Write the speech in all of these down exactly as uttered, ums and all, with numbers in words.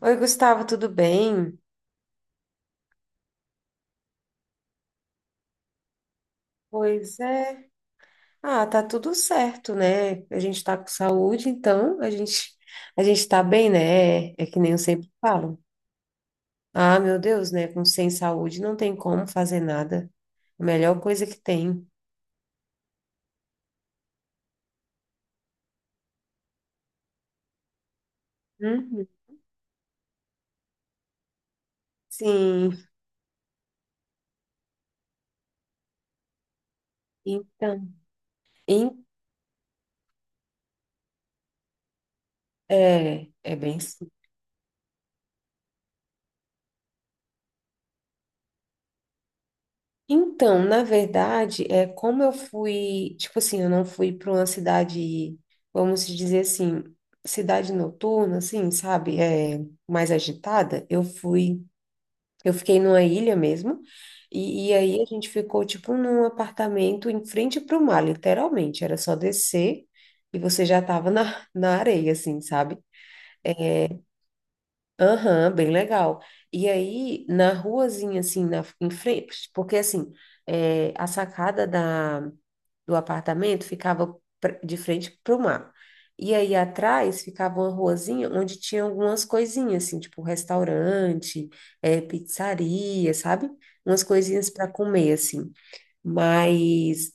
Oi, Gustavo, tudo bem? Pois é. Ah, tá tudo certo, né? A gente tá com saúde, então a gente a gente tá bem, né? É, é que nem eu sempre falo. Ah, meu Deus, né? Com sem saúde não tem como fazer nada. A melhor coisa que tem. Uhum. Sim. Então, em- é, é bem. Então, na verdade, é como eu fui, tipo assim, eu não fui para uma cidade, vamos dizer assim, cidade noturna, assim, sabe, é mais agitada. Eu fui, eu fiquei numa ilha mesmo, e, e aí a gente ficou tipo num apartamento em frente para o mar, literalmente. Era só descer e você já estava na, na areia, assim, sabe? Aham, bem legal. E aí na ruazinha, assim, na, em frente, porque assim, é, a sacada da do apartamento ficava pra- de frente para o mar. E aí atrás ficava uma ruazinha onde tinha algumas coisinhas, assim, tipo restaurante, eh, pizzaria, sabe? Umas coisinhas para comer, assim. Mas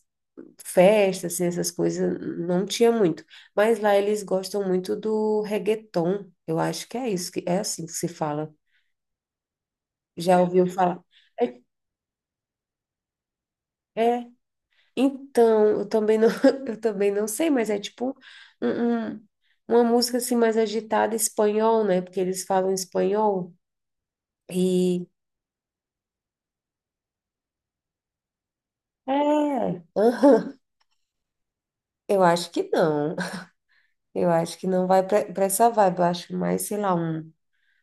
festas, assim, essas coisas não tinha muito. Mas lá eles gostam muito do reggaeton. Eu acho que é isso, que é assim que se fala. Já ouviu falar? É, é então, eu também não, eu também não sei, mas é tipo um, um- uma música assim mais agitada espanhol, né? Porque eles falam espanhol e é, aham. Eu acho que não. Eu acho que não vai para essa vibe. Eu acho mais, sei lá, um.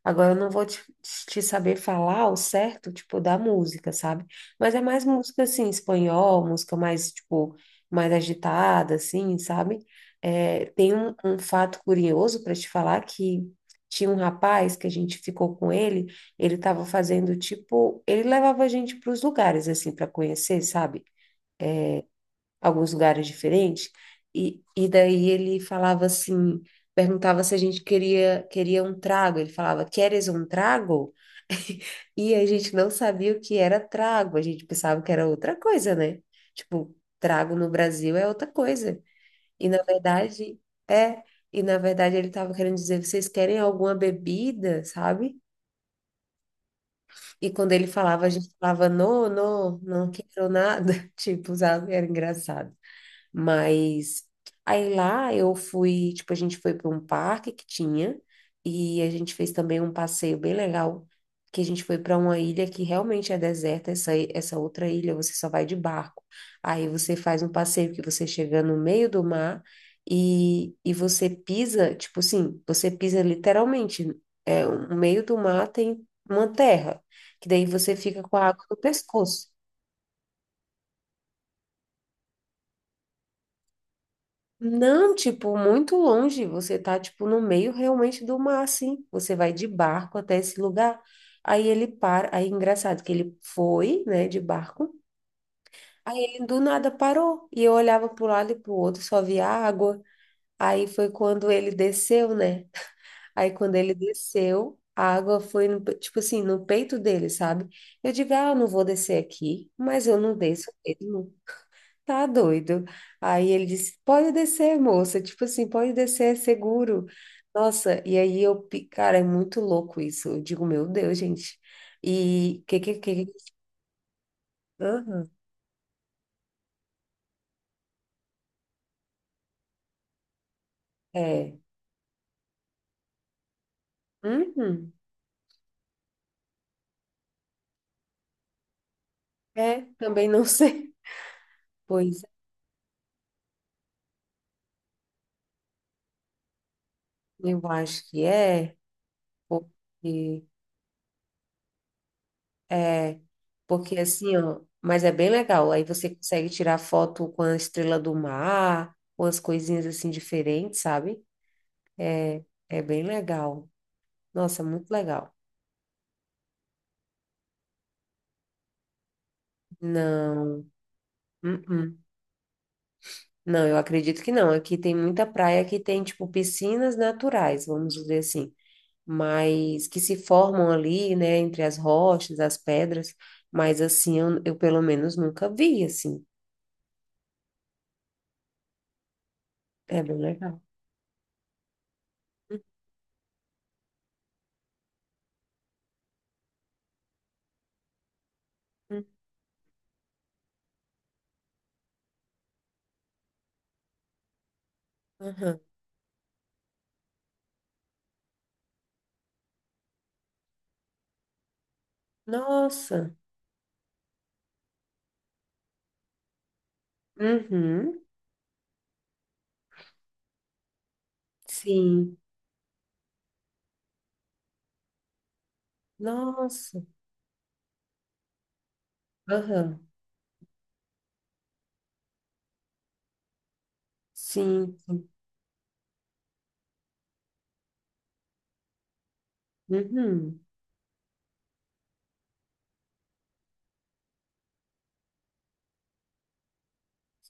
Agora eu não vou te, te, saber falar o certo, tipo, da música, sabe? Mas é mais música, assim, espanhol, música mais, tipo, mais agitada, assim, sabe? É, tem um, um fato curioso para te falar que tinha um rapaz que a gente ficou com ele, ele tava fazendo, tipo, ele levava a gente para os lugares, assim, para conhecer, sabe? Alguns lugares diferentes. E, e daí ele falava assim, perguntava se a gente queria, queria um trago. Ele falava, queres um trago? E a gente não sabia o que era trago, a gente pensava que era outra coisa, né? Tipo, trago no Brasil é outra coisa. E na verdade, é. E na verdade ele estava querendo dizer, vocês querem alguma bebida, sabe? E quando ele falava, a gente falava, não, não, não quero nada. Tipo, sabe? Era engraçado. Mas aí lá eu fui, tipo, a gente foi para um parque que tinha e a gente fez também um passeio bem legal, que a gente foi para uma ilha que realmente é deserta, essa, i- essa outra ilha você só vai de barco. Aí você faz um passeio que você chega no meio do mar e, e você pisa, tipo assim, você pisa literalmente, é, no meio do mar tem uma terra, que daí você fica com a água no pescoço. Não, tipo, muito longe. Você tá, tipo, no meio realmente do mar, assim. Você vai de barco até esse lugar. Aí ele para. Aí, é engraçado que ele foi, né, de barco. Aí ele do nada parou. E eu olhava pro lado e pro outro, só via água. Aí foi quando ele desceu, né? Aí quando ele desceu, a água foi, no pe- tipo assim, no peito dele, sabe? Eu digo, ah, eu não vou descer aqui, mas eu não desço mesmo. Tá doido. Aí ele disse: pode descer, moça. Tipo assim, pode descer, é seguro. Nossa, e aí eu, pi- cara, é muito louco isso. Eu digo: Meu Deus, gente. E que que que. que- Aham, é. Uhum. É, também não sei. Pois é, eu acho que é, porque é, porque assim, ó, mas é bem legal. Aí você consegue tirar foto com a estrela do mar, com as coisinhas assim diferentes, sabe? É bem legal. Nossa, muito legal. Não, uh-uh. Não, eu acredito que não. Aqui tem muita praia que tem, tipo, piscinas naturais, vamos dizer assim, mas que se formam ali, né, entre as rochas, as pedras, mas assim, eu, eu, pelo menos nunca vi, assim. É bem legal. Uhum, aham. Nossa, uhum, sim, nossa, aham, sim, sim, uhum,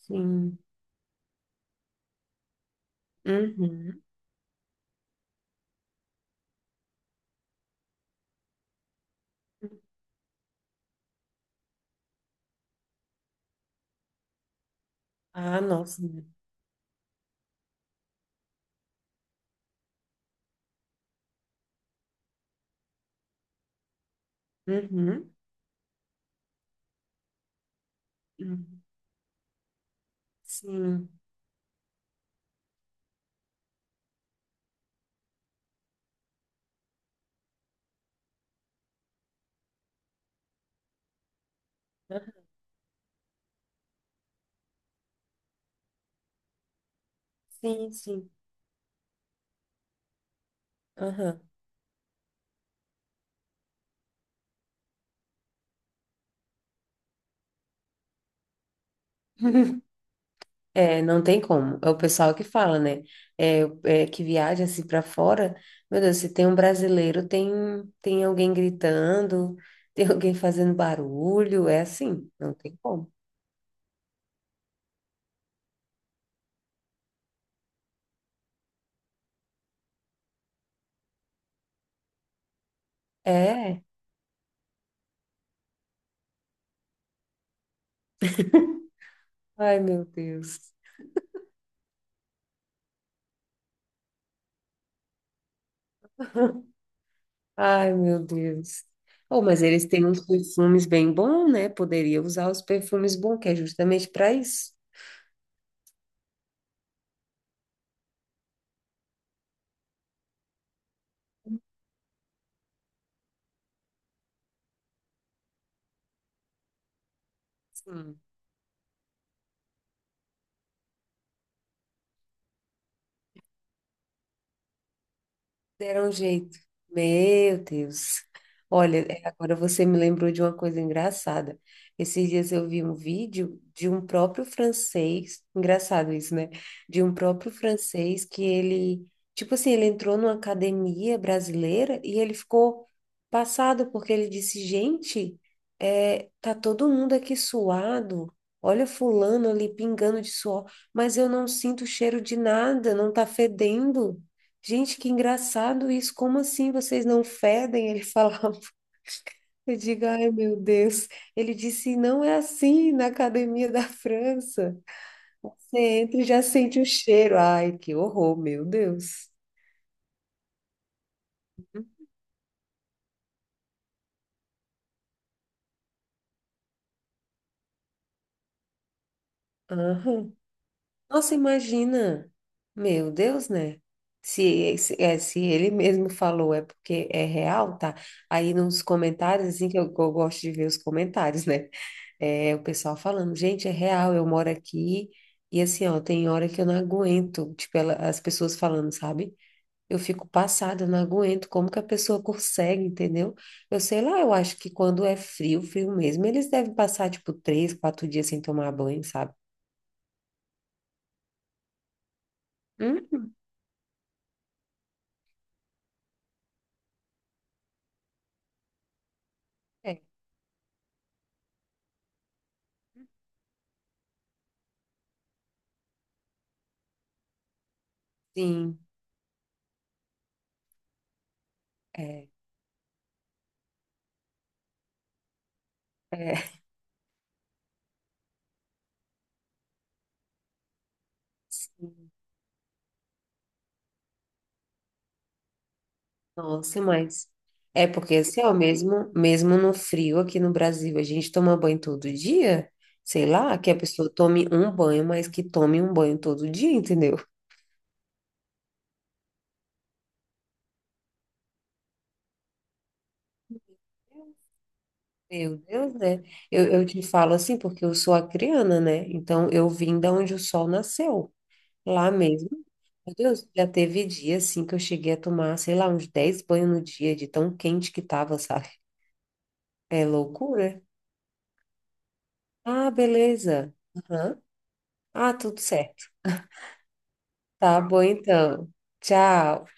sim, uhum. Ah, nossa, uhum, uhum. Sim. Sim, sim. Aham. É, não tem como. É o pessoal que fala, né? É, é que viaja assim para fora. Meu Deus, se tem um brasileiro, tem tem alguém gritando, tem alguém fazendo barulho. É assim, não tem como. É. Ai, meu Deus. Ai, meu Deus. Oh, mas eles têm uns perfumes bem bons, né? Poderia usar os perfumes bons, que é justamente para isso. Deram um jeito. Meu Deus. Olha, é, agora você me lembrou de uma coisa engraçada. Esses dias eu vi um vídeo de um próprio francês, engraçado isso, né? De um próprio francês que ele, tipo assim, ele entrou numa academia brasileira e ele ficou passado porque ele disse: gente, é, tá todo mundo aqui suado. Olha fulano ali pingando de suor, mas eu não sinto cheiro de nada, não tá fedendo. Gente, que engraçado isso. Como assim vocês não fedem? Ele falava. Eu digo, ai, meu Deus. Ele disse, não é assim na academia da França. Você entra e já sente o cheiro. Ai, que horror, meu Deus. Aham. Nossa, imagina. Meu Deus, né? Se, se, é, se ele mesmo falou, é porque é real, tá? Aí nos comentários, assim, que eu, eu, gosto de ver os comentários, né? É, o pessoal falando, gente, é real, eu moro aqui e assim, ó, tem hora que eu não aguento, tipo, ela- as pessoas falando, sabe? Eu fico passada, eu não aguento, como que a pessoa consegue, entendeu? Eu sei lá, eu acho que quando é frio, frio mesmo, eles devem passar, tipo, três, quatro dias sem tomar banho, sabe? Hum, é, sim, é, é, sim. Nossa, mas é porque assim, ó, mesmo, mesmo no frio aqui no Brasil, a gente toma banho todo dia, sei lá, que a pessoa tome um banho, mas que tome um banho todo dia, entendeu? Meu Deus, né? Eu, eu, te falo assim porque eu sou acriana, né? Então eu vim da onde o sol nasceu, lá mesmo. Meu Deus, já teve dia assim que eu cheguei a tomar, sei lá, uns dez banhos no dia de tão quente que tava, sabe? É loucura. Ah, beleza. Aham. Ah, tudo certo. Tá bom, então. Tchau.